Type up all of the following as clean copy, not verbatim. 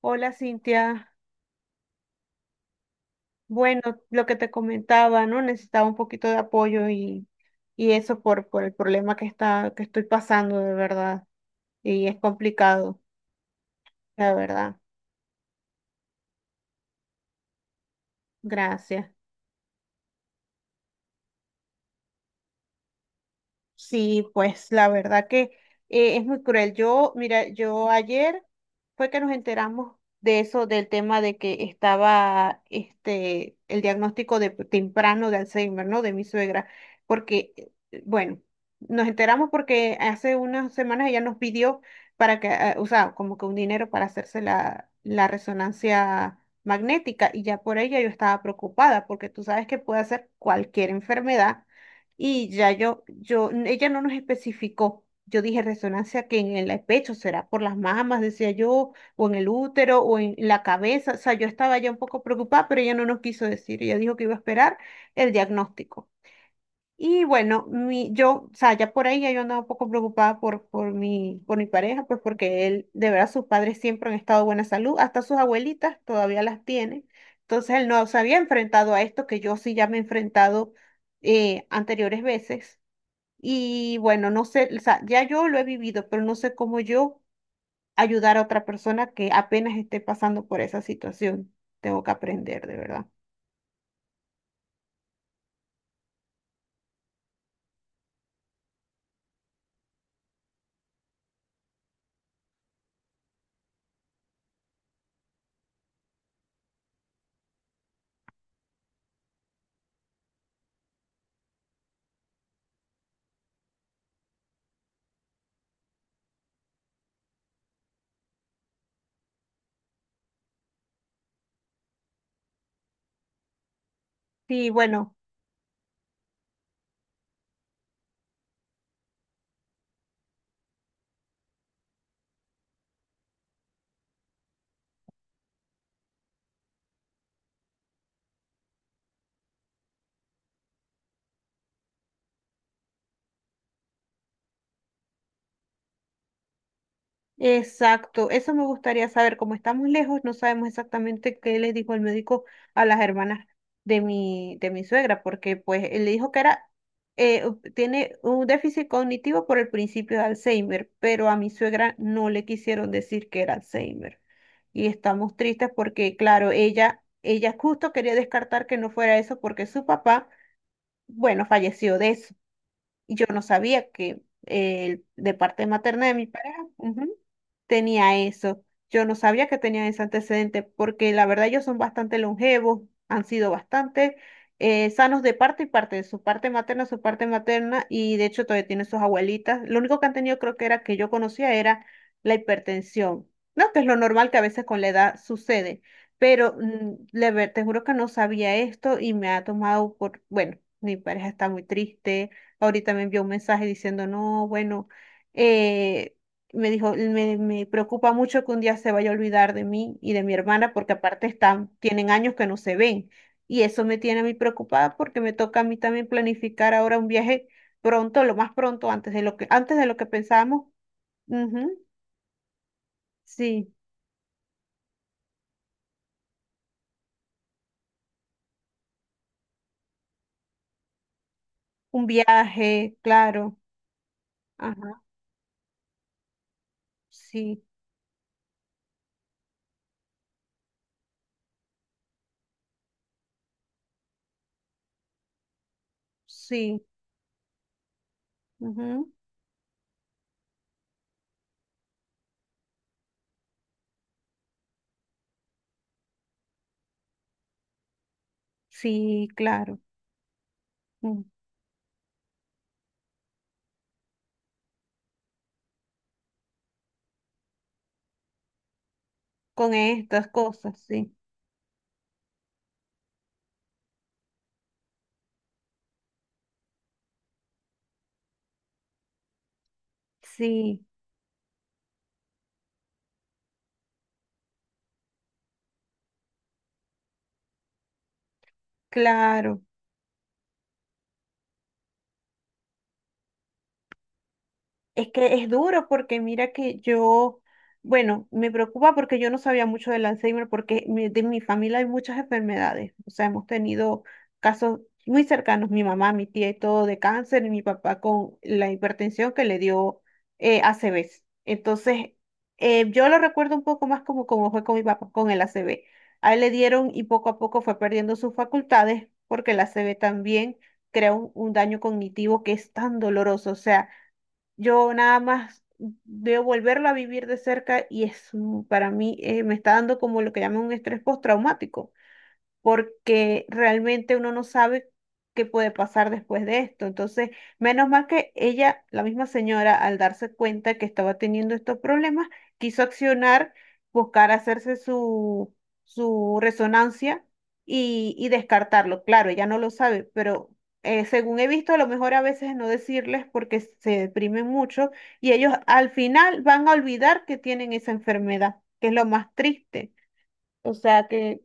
Hola Cintia, bueno, lo que te comentaba, ¿no? Necesitaba un poquito de apoyo y eso por el problema que estoy pasando, de verdad. Y es complicado, la verdad. Gracias. Sí, pues la verdad que es muy cruel. Yo, mira, yo ayer fue que nos enteramos de eso, del tema de que estaba este el diagnóstico de temprano de Alzheimer, ¿no? De mi suegra, porque bueno, nos enteramos porque hace unas semanas ella nos pidió para que, o sea, como que un dinero para hacerse la resonancia magnética y ya por ella yo estaba preocupada porque tú sabes que puede ser cualquier enfermedad y ya ella no nos especificó. Yo dije resonancia que en el pecho será por las mamas, decía yo, o en el útero, o en la cabeza. O sea, yo estaba ya un poco preocupada, pero ella no nos quiso decir. Ella dijo que iba a esperar el diagnóstico. Y bueno, o sea, ya por ahí ya yo andaba un poco preocupada por mi pareja, pues porque él, de verdad, sus padres siempre han estado de buena salud, hasta sus abuelitas todavía las tiene. Entonces él no se había enfrentado a esto, que yo sí ya me he enfrentado anteriores veces. Y bueno, no sé, o sea, ya yo lo he vivido, pero no sé cómo yo ayudar a otra persona que apenas esté pasando por esa situación. Tengo que aprender, de verdad. Sí, bueno. Exacto, eso me gustaría saber. Como estamos lejos, no sabemos exactamente qué le dijo el médico a las hermanas de mi suegra, porque pues él le dijo que era, tiene un déficit cognitivo por el principio de Alzheimer, pero a mi suegra no le quisieron decir que era Alzheimer. Y estamos tristes porque, claro, ella justo quería descartar que no fuera eso porque su papá, bueno, falleció de eso. Y yo no sabía que de parte materna de mi pareja tenía eso. Yo no sabía que tenían ese antecedente porque la verdad ellos son bastante longevos, han sido bastante sanos de parte y parte, de su parte materna y de hecho todavía tienen sus abuelitas. Lo único que han tenido creo que era que yo conocía era la hipertensión, ¿no? Que es lo normal que a veces con la edad sucede, pero te juro que no sabía esto y me ha tomado por, bueno, mi pareja está muy triste. Ahorita me envió un mensaje diciendo, no, bueno. eh, Me dijo, me preocupa mucho que un día se vaya a olvidar de mí y de mi hermana porque aparte están, tienen años que no se ven. Y eso me tiene a mí preocupada porque me toca a mí también planificar ahora un viaje pronto, lo más pronto, antes de lo que pensábamos. Ujú, sí, un viaje, claro. Ajá, sí, sí, ujú, sí, claro. Mm, con estas cosas, sí. Sí, claro. Es que es duro porque mira que yo, bueno, me preocupa porque yo no sabía mucho del Alzheimer porque de mi familia hay muchas enfermedades. O sea, hemos tenido casos muy cercanos, mi mamá, mi tía y todo de cáncer y mi papá con la hipertensión que le dio ACV. Entonces, yo lo recuerdo un poco más como, como fue con mi papá con el a ACV. A él le dieron y poco a poco fue perdiendo sus facultades porque el a C V también crea un daño cognitivo que es tan doloroso. O sea, yo nada más veo volverlo a vivir de cerca y es para mí me está dando como lo que llaman un estrés postraumático porque realmente uno no sabe qué puede pasar después de esto. Entonces, menos mal que ella, la misma señora, al darse cuenta que estaba teniendo estos problemas, quiso accionar, buscar hacerse su resonancia y descartarlo. Claro, ella no lo sabe, pero... según he visto, a lo mejor a veces no decirles porque se deprimen mucho y ellos al final van a olvidar que tienen esa enfermedad, que es lo más triste. O sea que,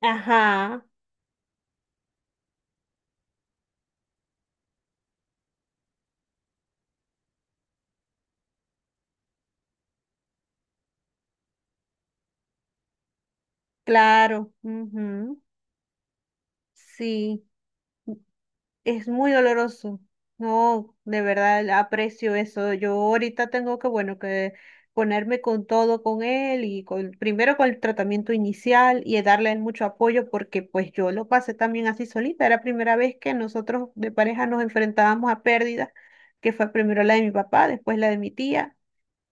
ajá. Claro, ujú, sí, es muy doloroso. No, de verdad aprecio eso. Yo ahorita tengo que, bueno, que ponerme con todo con él y con, primero con el tratamiento inicial y darle mucho apoyo porque pues yo lo pasé también así solita. Era la primera vez que nosotros de pareja nos enfrentábamos a pérdidas, que fue primero la de mi papá, después la de mi tía.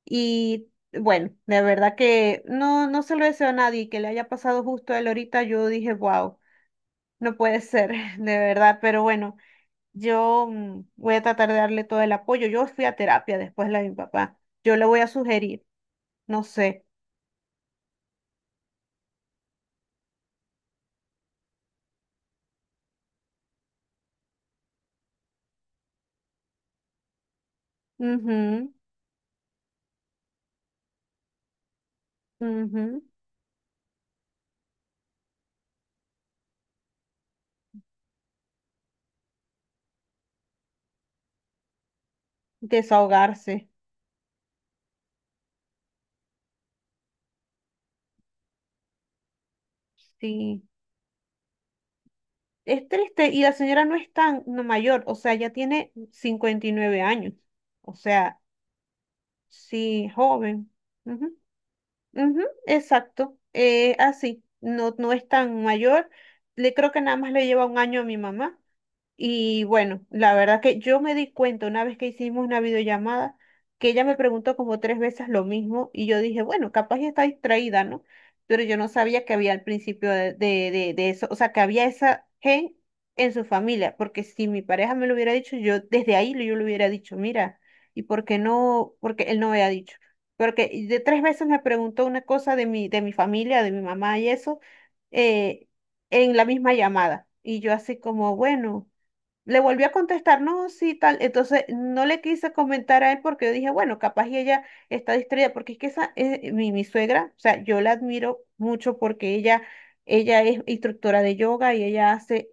Y bueno, de verdad que no, no se lo deseo a nadie que le haya pasado justo a él ahorita. Yo dije, wow. No puede ser, de verdad, pero bueno, yo voy a tratar de darle todo el apoyo. Yo fui a terapia después de la de mi papá. Yo le voy a sugerir, no sé, ujú, ujú, desahogarse. Sí, es triste y la señora no es tan no, mayor, o sea, ya tiene 59 años, o sea, sí, joven. Ujú, ujú, exacto, así, no, no es tan mayor. Le creo que nada más le lleva un año a mi mamá. Y bueno, la verdad que yo me di cuenta una vez que hicimos una videollamada que ella me preguntó como tres veces lo mismo y yo dije, bueno, capaz ya está distraída, ¿no? Pero yo no sabía que había al principio de eso, o sea, que había esa gen en su familia, porque si mi pareja me lo hubiera dicho, yo desde ahí yo le hubiera dicho, mira, ¿y por qué no? Porque él no me había dicho. Porque de tres veces me preguntó una cosa de mi familia, de mi mamá y eso, eh, en la misma llamada. Y yo así como, bueno. Le volví a contestar, no, sí, tal. Entonces no le quise comentar a él porque yo dije, bueno, capaz y ella está distraída, porque es que esa es mi suegra, o sea, yo la admiro mucho porque ella es instructora de yoga y ella hace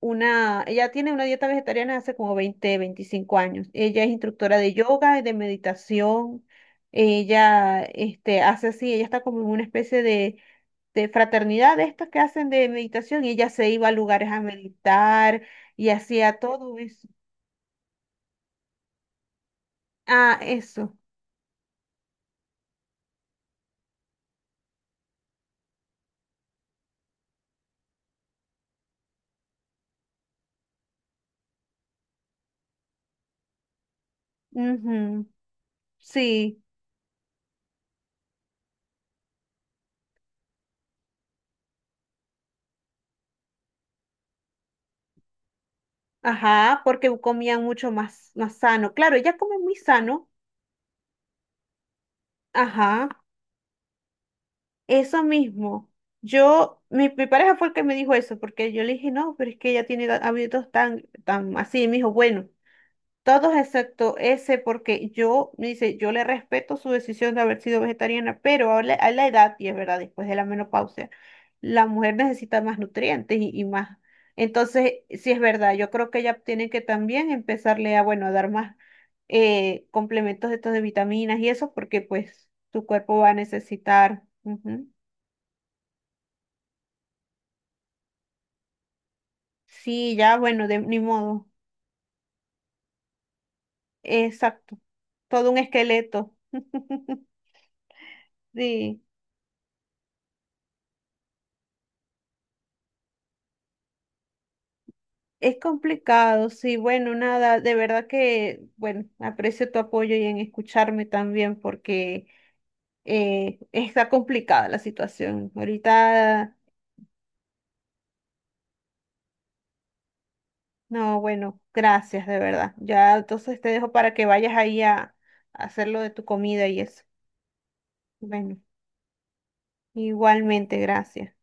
ella tiene una dieta vegetariana hace como 20, 25 años. Ella es instructora de yoga y de meditación. Ella, este, hace así, ella está como en una especie de fraternidad, de estas que hacen de meditación, y ella se iba a lugares a meditar y hacía todo eso. Ah, eso. Ujú, sí, ajá, porque comían mucho más, más sano. Claro, ella come muy sano. Ajá, eso mismo. Mi pareja fue el que me dijo eso, porque yo le dije, no, pero es que ella tiene hábitos tan, tan así. Y me dijo, bueno, todos excepto ese, porque yo, me dice, yo le respeto su decisión de haber sido vegetariana, pero a la edad, y es verdad, después de la menopausia, la mujer necesita más nutrientes y más. Entonces, sí es verdad, yo creo que ya tienen que también empezarle a, bueno, a dar más complementos de estos de vitaminas y eso, porque pues tu cuerpo va a necesitar. Ujú. Sí, ya, bueno, de ni modo. Exacto. Todo un esqueleto. Sí. Es complicado, sí, bueno, nada, de verdad que, bueno, aprecio tu apoyo y en escucharme también porque está complicada la situación. Ahorita, no, bueno, gracias, de verdad. Ya, entonces te dejo para que vayas ahí a hacer lo de tu comida y eso. Bueno, igualmente, gracias.